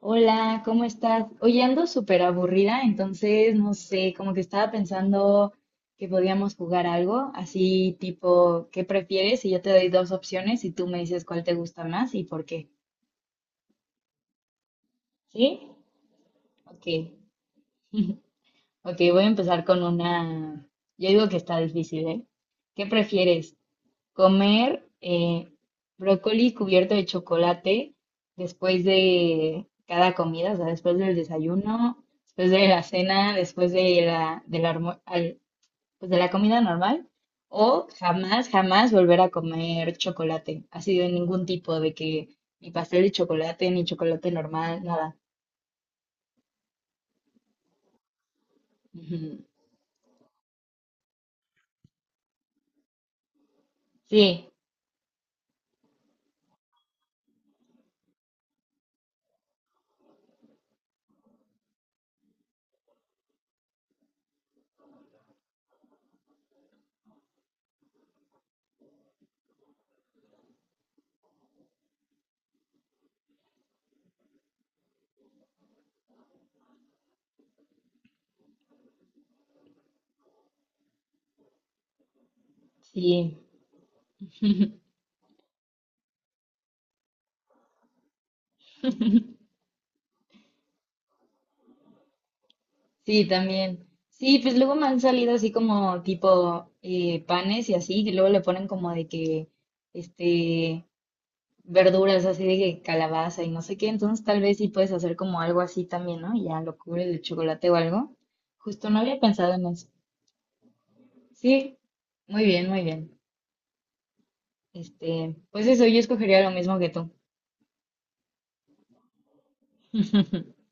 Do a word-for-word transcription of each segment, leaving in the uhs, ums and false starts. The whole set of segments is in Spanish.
Hola, ¿cómo estás? Oye, ando súper aburrida, entonces no sé, como que estaba pensando que podíamos jugar algo, así tipo, ¿qué prefieres? Y yo te doy dos opciones y tú me dices cuál te gusta más y por qué. ¿Sí? Ok. Ok, voy a empezar con una. Yo digo que está difícil, ¿eh? ¿Qué prefieres? Comer eh, brócoli cubierto de chocolate después de cada comida, o sea, después del desayuno, después de la cena, después de la, del almu- al- pues, de la comida normal. O jamás, jamás volver a comer chocolate. Así de ningún tipo, de que ni pastel de chocolate, ni chocolate normal, nada. Ujú. Sí, sí. Sí, también. Sí, pues luego me han salido así como tipo eh, panes y así, que luego le ponen como de que, este, verduras así de que calabaza y no sé qué, entonces tal vez sí puedes hacer como algo así también, ¿no? Y ya lo cubres de chocolate o algo. Justo no había pensado en eso. Sí, muy bien, muy bien. Este, pues eso, yo escogería lo mismo que tú.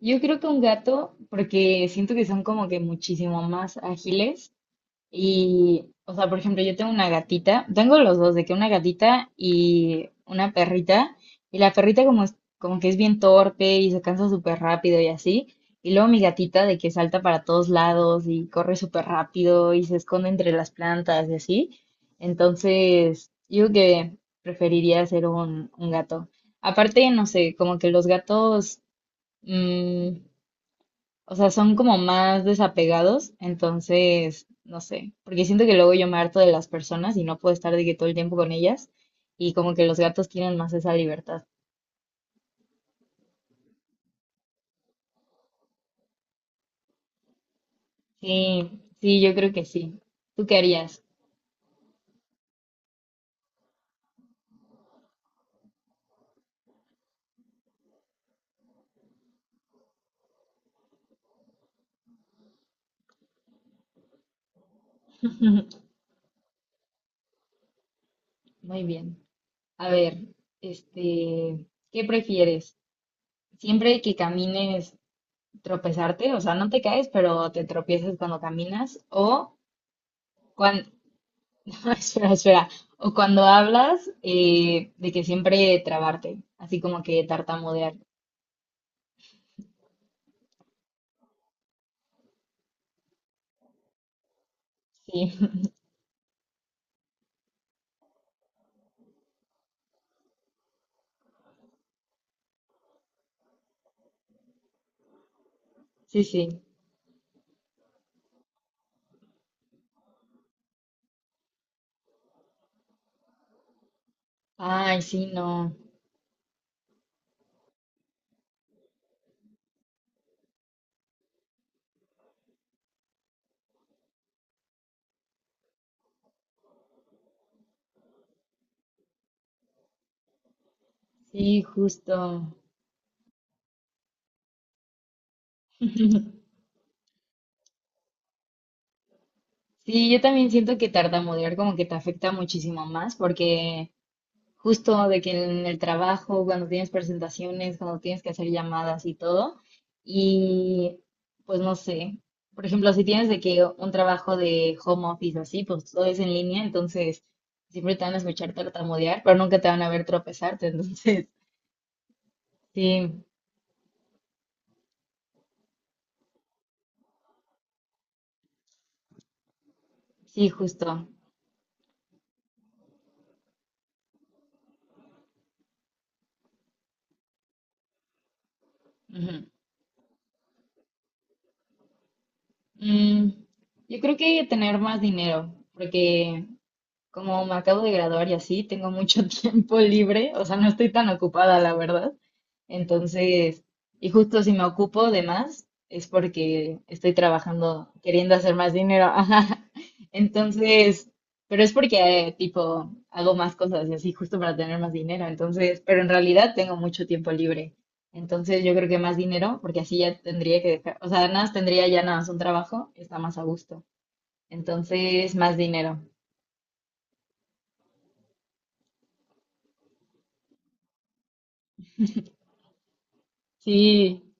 Yo creo que un gato, porque siento que son como que muchísimo más ágiles. Y, o sea, por ejemplo, yo tengo una gatita, tengo los dos, de que una gatita y una perrita, y la perrita como, es- como que es bien torpe y se cansa súper rápido y así, y luego mi gatita de que salta para todos lados y corre súper rápido y se esconde entre las plantas y así. Entonces, yo creo que preferiría ser un, un gato. Aparte, no sé, como que los gatos, mm, o sea, son como más desapegados, entonces, no sé, porque siento que luego yo me harto de las personas y no puedo estar de que todo el tiempo con ellas y como que los gatos tienen más esa libertad. Sí, sí, yo creo que sí. ¿Tú qué harías? Muy bien. A ver, este, ¿qué prefieres? ¿Siempre que camines tropezarte? O sea, no te caes, pero te tropiezas cuando caminas o espera, espera. O cuando hablas, eh, de que siempre trabarte, así como que tartamudear. Sí, sí, sí. Ay, sí, no. Sí, justo. Sí, yo también siento que tartamudear como que te afecta muchísimo más porque justo de que en el trabajo, cuando tienes presentaciones, cuando tienes que hacer llamadas y todo, y pues no sé, por ejemplo, si tienes de que un trabajo de home office así, pues todo es en línea, entonces siempre te van a escuchar tartamudear, pero nunca te van a ver tropezarte, entonces sí, sí, justo. Ujú. Mm, yo creo que tener más dinero, porque como me acabo de graduar y así, tengo mucho tiempo libre, o sea, no estoy tan ocupada, la verdad. Entonces, y justo si me ocupo de más, es porque estoy trabajando, queriendo hacer más dinero. Ajá. Entonces, pero es porque, eh, tipo, hago más cosas y así, justo para tener más dinero. Entonces, pero en realidad tengo mucho tiempo libre. Entonces, yo creo que más dinero, porque así ya tendría que dejar, o sea, nada, más tendría ya nada más un trabajo, está más a gusto. Entonces, más dinero. Sí.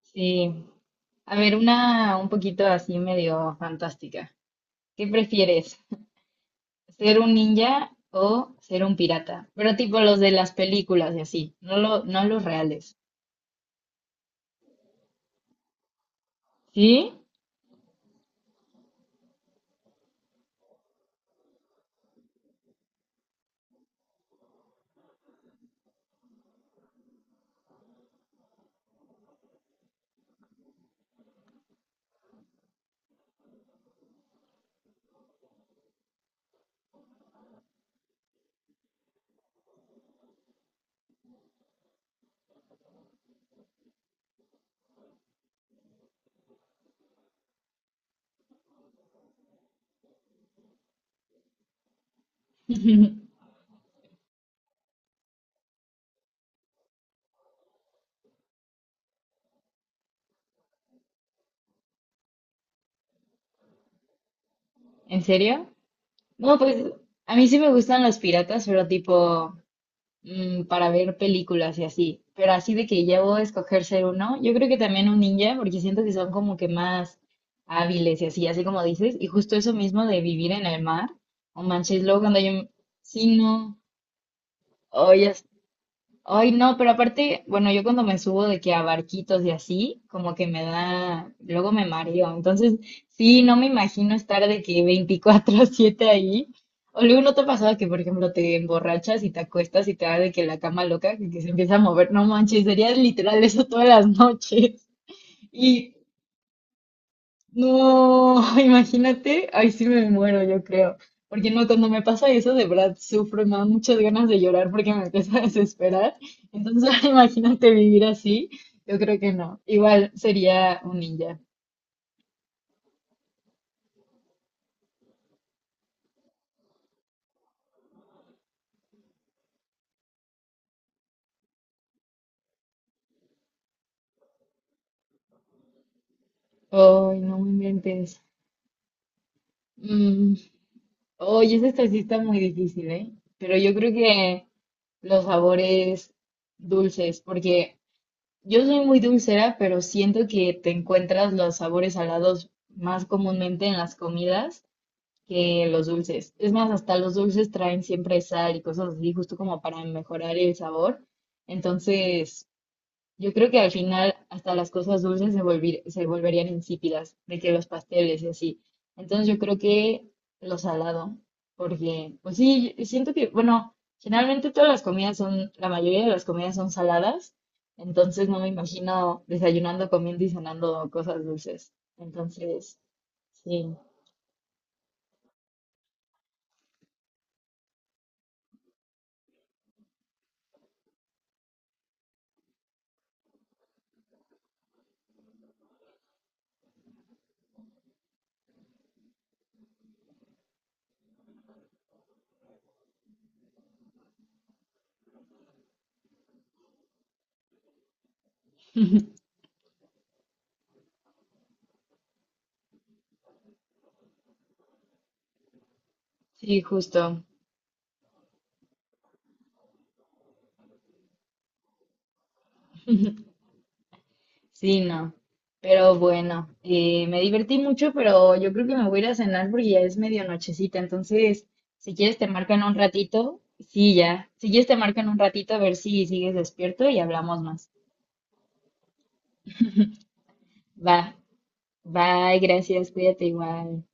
Sí, a ver, una un poquito así medio fantástica. ¿Qué prefieres? ¿Ser un ninja o ser un pirata? Pero tipo los de las películas y así, no, lo, no los reales. ¿Sí? ¿En serio? No, pues a mí sí me gustan los piratas, pero tipo, mm, para ver películas y así. Pero así de que ya voy a escoger ser uno, yo creo que también un ninja, porque siento que son como que más hábiles y así, así como dices. Y justo eso mismo de vivir en el mar, o manches, luego cuando yo, sí, no, oye. Ay, no, pero aparte, bueno, yo cuando me subo de que a barquitos y así, como que me da, luego me mareo. Entonces, sí, no me imagino estar de que veinticuatro siete ahí. O luego no te ha pasado que, por ejemplo, te emborrachas y te acuestas y te da de que la cama loca, que, que se empieza a mover. No manches, sería literal eso todas las noches. Y no, imagínate, ay, sí me muero, yo creo. Porque no, cuando me pasa eso, de verdad sufro, y me dan muchas ganas de llorar porque me empieza a desesperar. Entonces, imagínate vivir así, yo creo que no. Igual sería un ninja. Ay, no me inventes. Mm, Oye, ese esta sí está muy difícil, ¿eh? Pero yo creo que los sabores dulces, porque yo soy muy dulcera, pero siento que te encuentras los sabores salados más comúnmente en las comidas que los dulces. Es más, hasta los dulces traen siempre sal y cosas así, justo como para mejorar el sabor. Entonces, yo creo que al final hasta las cosas dulces se volvi- se volverían insípidas, de que los pasteles y así. Entonces, yo creo que lo salado, porque, pues sí, siento que, bueno, generalmente todas las comidas son, la mayoría de las comidas son saladas, entonces no me imagino desayunando, comiendo y cenando cosas dulces. Entonces, sí, sí, justo. Sí, no. Pero bueno, eh, me divertí mucho, pero yo creo que me voy a ir a cenar porque ya es medio nochecita. Entonces, si quieres te marco en un ratito. Sí, ya. Si quieres te marco en un ratito a ver si sigues despierto y hablamos más. Va. Bye, gracias. Cuídate igual.